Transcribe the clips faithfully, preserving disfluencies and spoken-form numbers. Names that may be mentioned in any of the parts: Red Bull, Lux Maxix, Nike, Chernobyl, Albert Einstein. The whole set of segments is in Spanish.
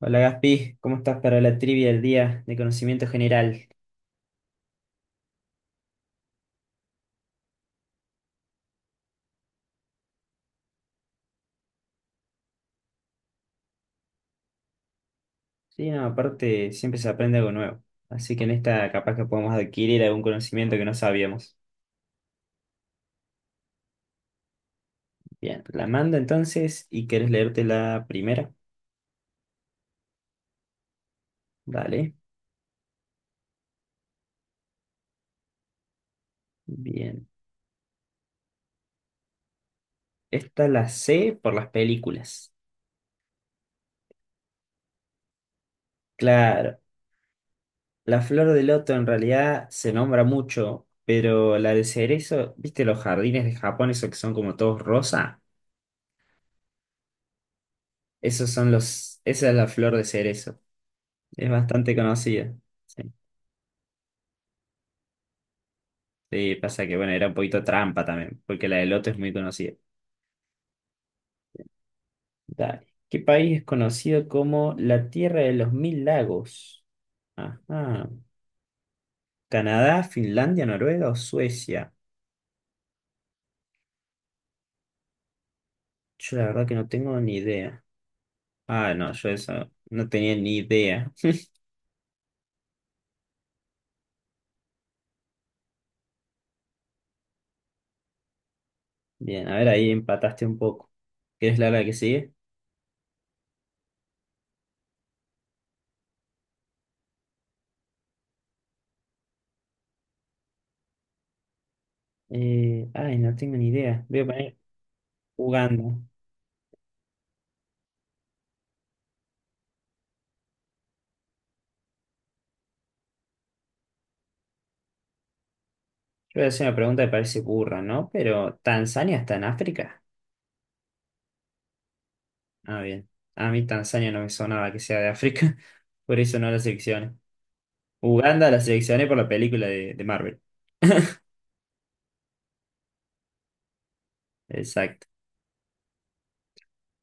Hola Gaspi, ¿cómo estás para la trivia del día de conocimiento general? Sí, no, aparte siempre se aprende algo nuevo, así que en esta capaz que podemos adquirir algún conocimiento que no sabíamos. Bien, la mando entonces y querés leerte la primera. Dale, bien. Esta la sé por las películas. Claro, la flor de loto en realidad se nombra mucho, pero la de cerezo, ¿viste los jardines de Japón, esos que son como todos rosa? Esos son los, esa es la flor de cerezo. Es bastante conocida. Sí. Sí, pasa que, bueno, era un poquito trampa también, porque la de Loto es muy conocida. Dale. ¿Qué país es conocido como la Tierra de los Mil Lagos? Ajá. ¿Canadá, Finlandia, Noruega o Suecia? Yo la verdad que no tengo ni idea. Ah, no, yo eso no tenía ni idea. Bien, a ver, ahí empataste un poco. ¿Quieres la hora que sigue? Eh, ay, no tengo ni idea. Voy a poner jugando. Yo voy a hacer una pregunta que parece burra, ¿no? Pero, ¿Tanzania está en África? Ah, bien. A mí Tanzania no me sonaba que sea de África, por eso no la seleccioné. Uganda la seleccioné por la película de, de Marvel. Exacto.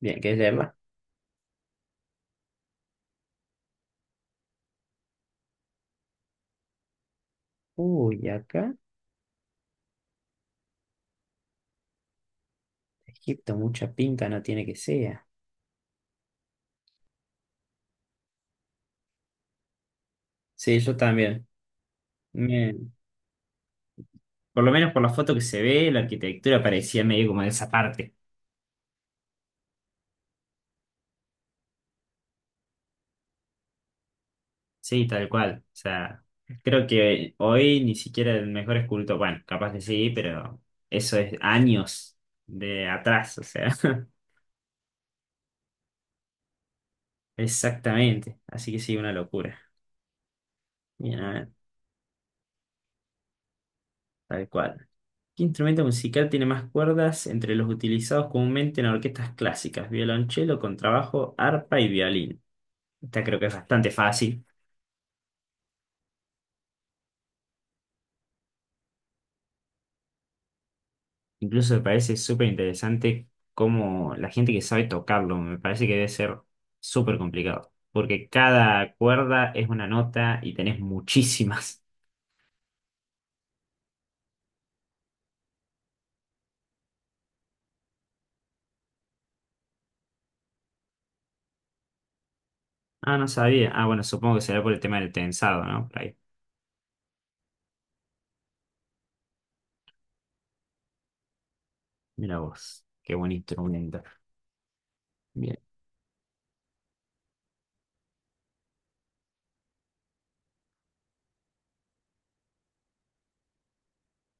Bien, ¿querés leerla? Uy, acá Egipto mucha pinta no tiene que sea. Sí, yo también. Me- Por lo menos por la foto que se ve, la arquitectura parecía medio como de esa parte. Sí, tal cual. O sea, creo que hoy ni siquiera el mejor escultor, bueno, capaz que sí, pero eso es años de atrás, o sea. Exactamente, así que sí, una locura. Bien, a ver, tal cual. ¿Qué instrumento musical tiene más cuerdas entre los utilizados comúnmente en orquestas clásicas? Violonchelo, contrabajo, arpa y violín. Esta creo que es bastante fácil. Incluso me parece súper interesante cómo la gente que sabe tocarlo, me parece que debe ser súper complicado, porque cada cuerda es una nota y tenés muchísimas. Ah, no sabía. Ah, bueno, supongo que será por el tema del tensado, ¿no? Por ahí. Mira vos, qué buen instrumento. Bien.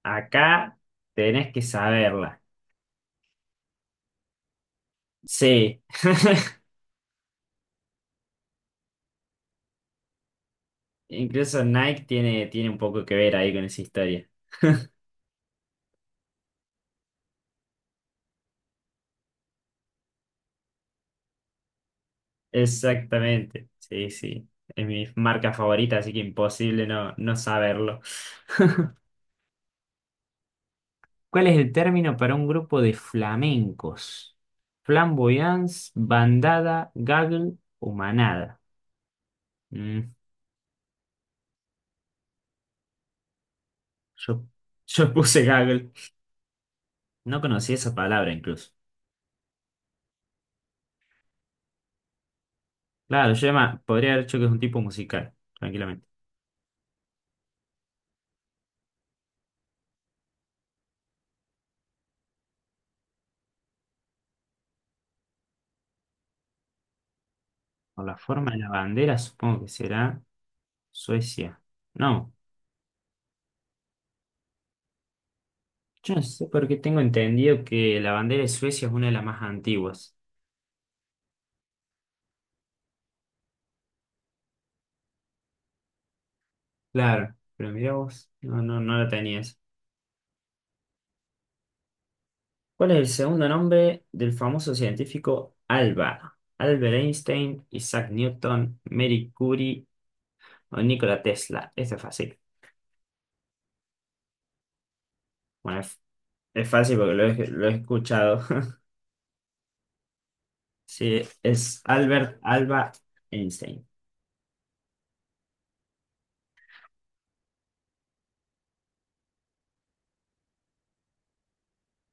Acá tenés que saberla. Sí. Incluso Nike tiene, tiene un poco que ver ahí con esa historia. Exactamente. Sí, sí. Es mi marca favorita, así que imposible no, no saberlo. ¿Cuál es el término para un grupo de flamencos? Flamboyance, bandada, gaggle o manada. Mm, yo, Yo puse gaggle. No conocí esa palabra incluso. Claro, yo llama- podría haber dicho que es un tipo musical, tranquilamente. Por la forma de la bandera, supongo que será Suecia. No, yo no sé por qué tengo entendido que la bandera de Suecia es una de las más antiguas. Claro, pero mirá vos, no, no, no la tenías. ¿Cuál es el segundo nombre del famoso científico Alba? Albert Einstein, Isaac Newton, Marie Curie o Nikola Tesla. Esto es fácil. Bueno, es, es fácil porque lo he, lo he escuchado. Sí, es Albert Alba Einstein.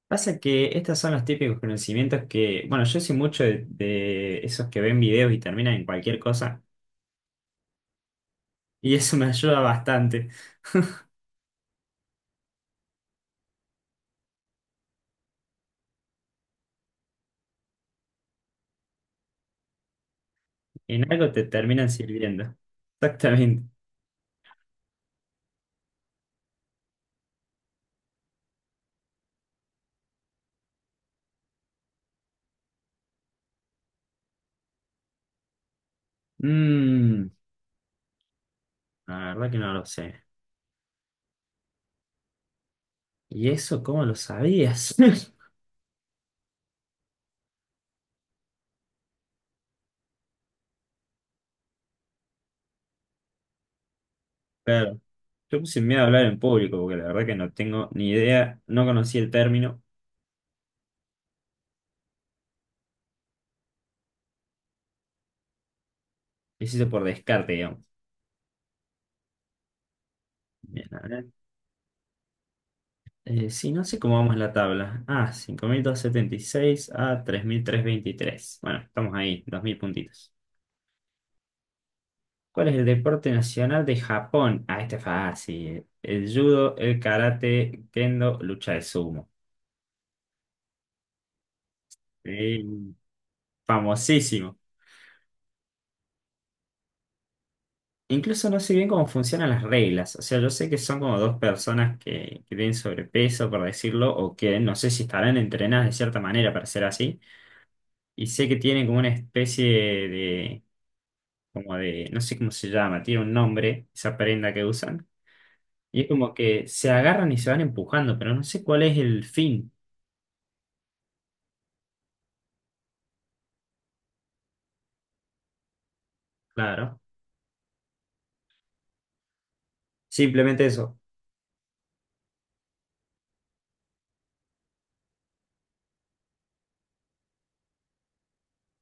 Pasa que estos son los típicos conocimientos que, bueno, yo soy mucho de, de esos que ven videos y terminan en cualquier cosa, y eso me ayuda bastante. En algo te terminan sirviendo. Exactamente. Mm, la verdad que no lo sé. ¿Y eso cómo lo sabías? Claro, yo puse miedo a hablar en público, porque la verdad que no tengo ni idea, no conocí el término, lo hice por descarte, digamos. Bien, a ver. Eh, sí, no sé cómo vamos en la tabla. Ah, cinco mil doscientos setenta y seis a tres mil trescientos veintitrés. Bueno, estamos ahí, dos mil puntitos. ¿Cuál es el deporte nacional de Japón? Ah, este es fácil. El judo, el karate, kendo, lucha de sumo. Eh, famosísimo. Incluso no sé bien cómo funcionan las reglas. O sea, yo sé que son como dos personas que, que tienen sobrepeso, por decirlo, o que no sé si estarán entrenadas de cierta manera para ser así. Y sé que tienen como una especie de, como de, no sé cómo se llama, tiene un nombre, esa prenda que usan. Y es como que se agarran y se van empujando, pero no sé cuál es el fin, claro. Simplemente eso.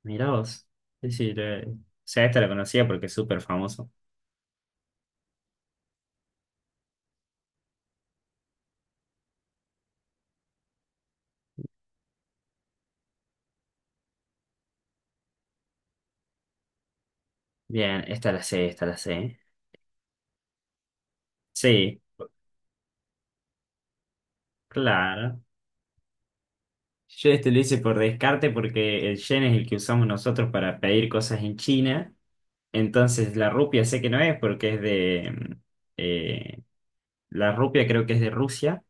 Mirá vos. Es decir, eh, o sea, esta la conocía porque es súper famoso. Bien, esta la sé, esta la sé. Sí, claro. Yo este lo hice por descarte porque el yen es el que usamos nosotros para pedir cosas en China. Entonces la rupia sé que no es porque es de, mm, eh, La rupia creo que es de Rusia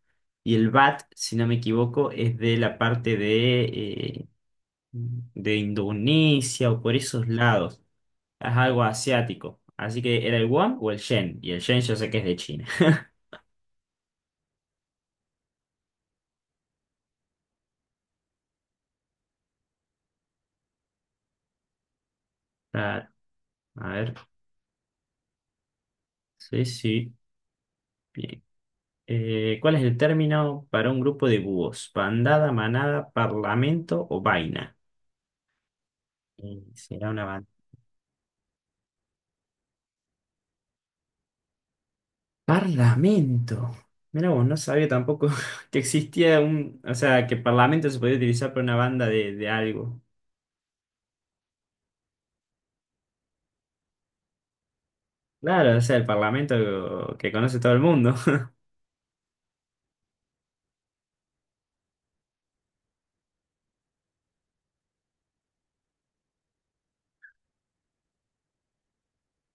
y el bat, si no me equivoco, es de la parte de, eh, de Indonesia o por esos lados. Es algo asiático. Así que era el won o el yen. Y el yen yo sé que es de China. Claro. A ver. Sí, sí. Bien. Eh, ¿cuál es el término para un grupo de búhos? ¿Bandada, manada, parlamento o vaina? Eh, ¿Será una bandada? Parlamento. Mira vos, no sabía tampoco que existía un, o sea, que parlamento se podía utilizar para una banda de, de algo. Claro, o sea, el parlamento que conoce todo el mundo.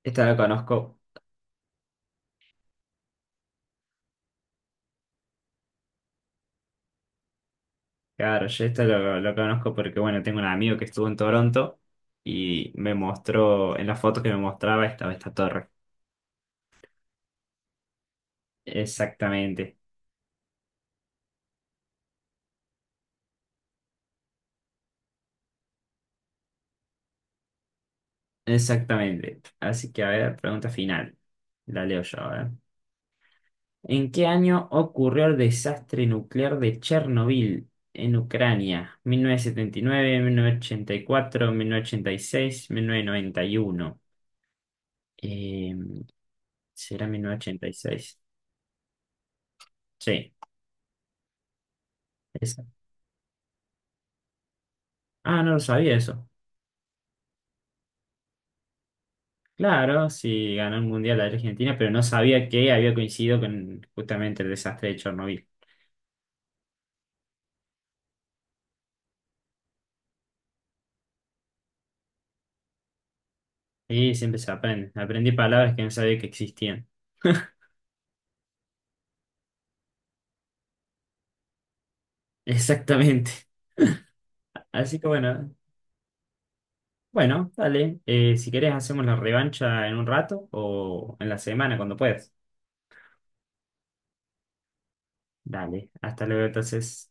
Esta lo conozco, claro, yo esta lo, lo conozco porque, bueno, tengo un amigo que estuvo en Toronto y me mostró, en las fotos que me mostraba estaba esta torre. Exactamente, exactamente. Así que, a ver, pregunta final. La leo yo ahora. ¿En qué año ocurrió el desastre nuclear de Chernobyl en Ucrania? ¿mil novecientos setenta y nueve, mil novecientos ochenta y cuatro, mil novecientos ochenta y seis, mil novecientos noventa y uno? Eh, ¿será mil novecientos ochenta y seis? Sí, esa. Ah, no lo sabía eso. Claro, sí, ganó el Mundial la Argentina, pero no sabía que había coincidido con justamente el desastre de Chernobyl. Sí, siempre se aprende. Aprendí palabras que no sabía que existían. Exactamente. Así que bueno. Bueno, dale. Eh, si querés, hacemos la revancha en un rato o en la semana, cuando puedas. Dale, hasta luego entonces.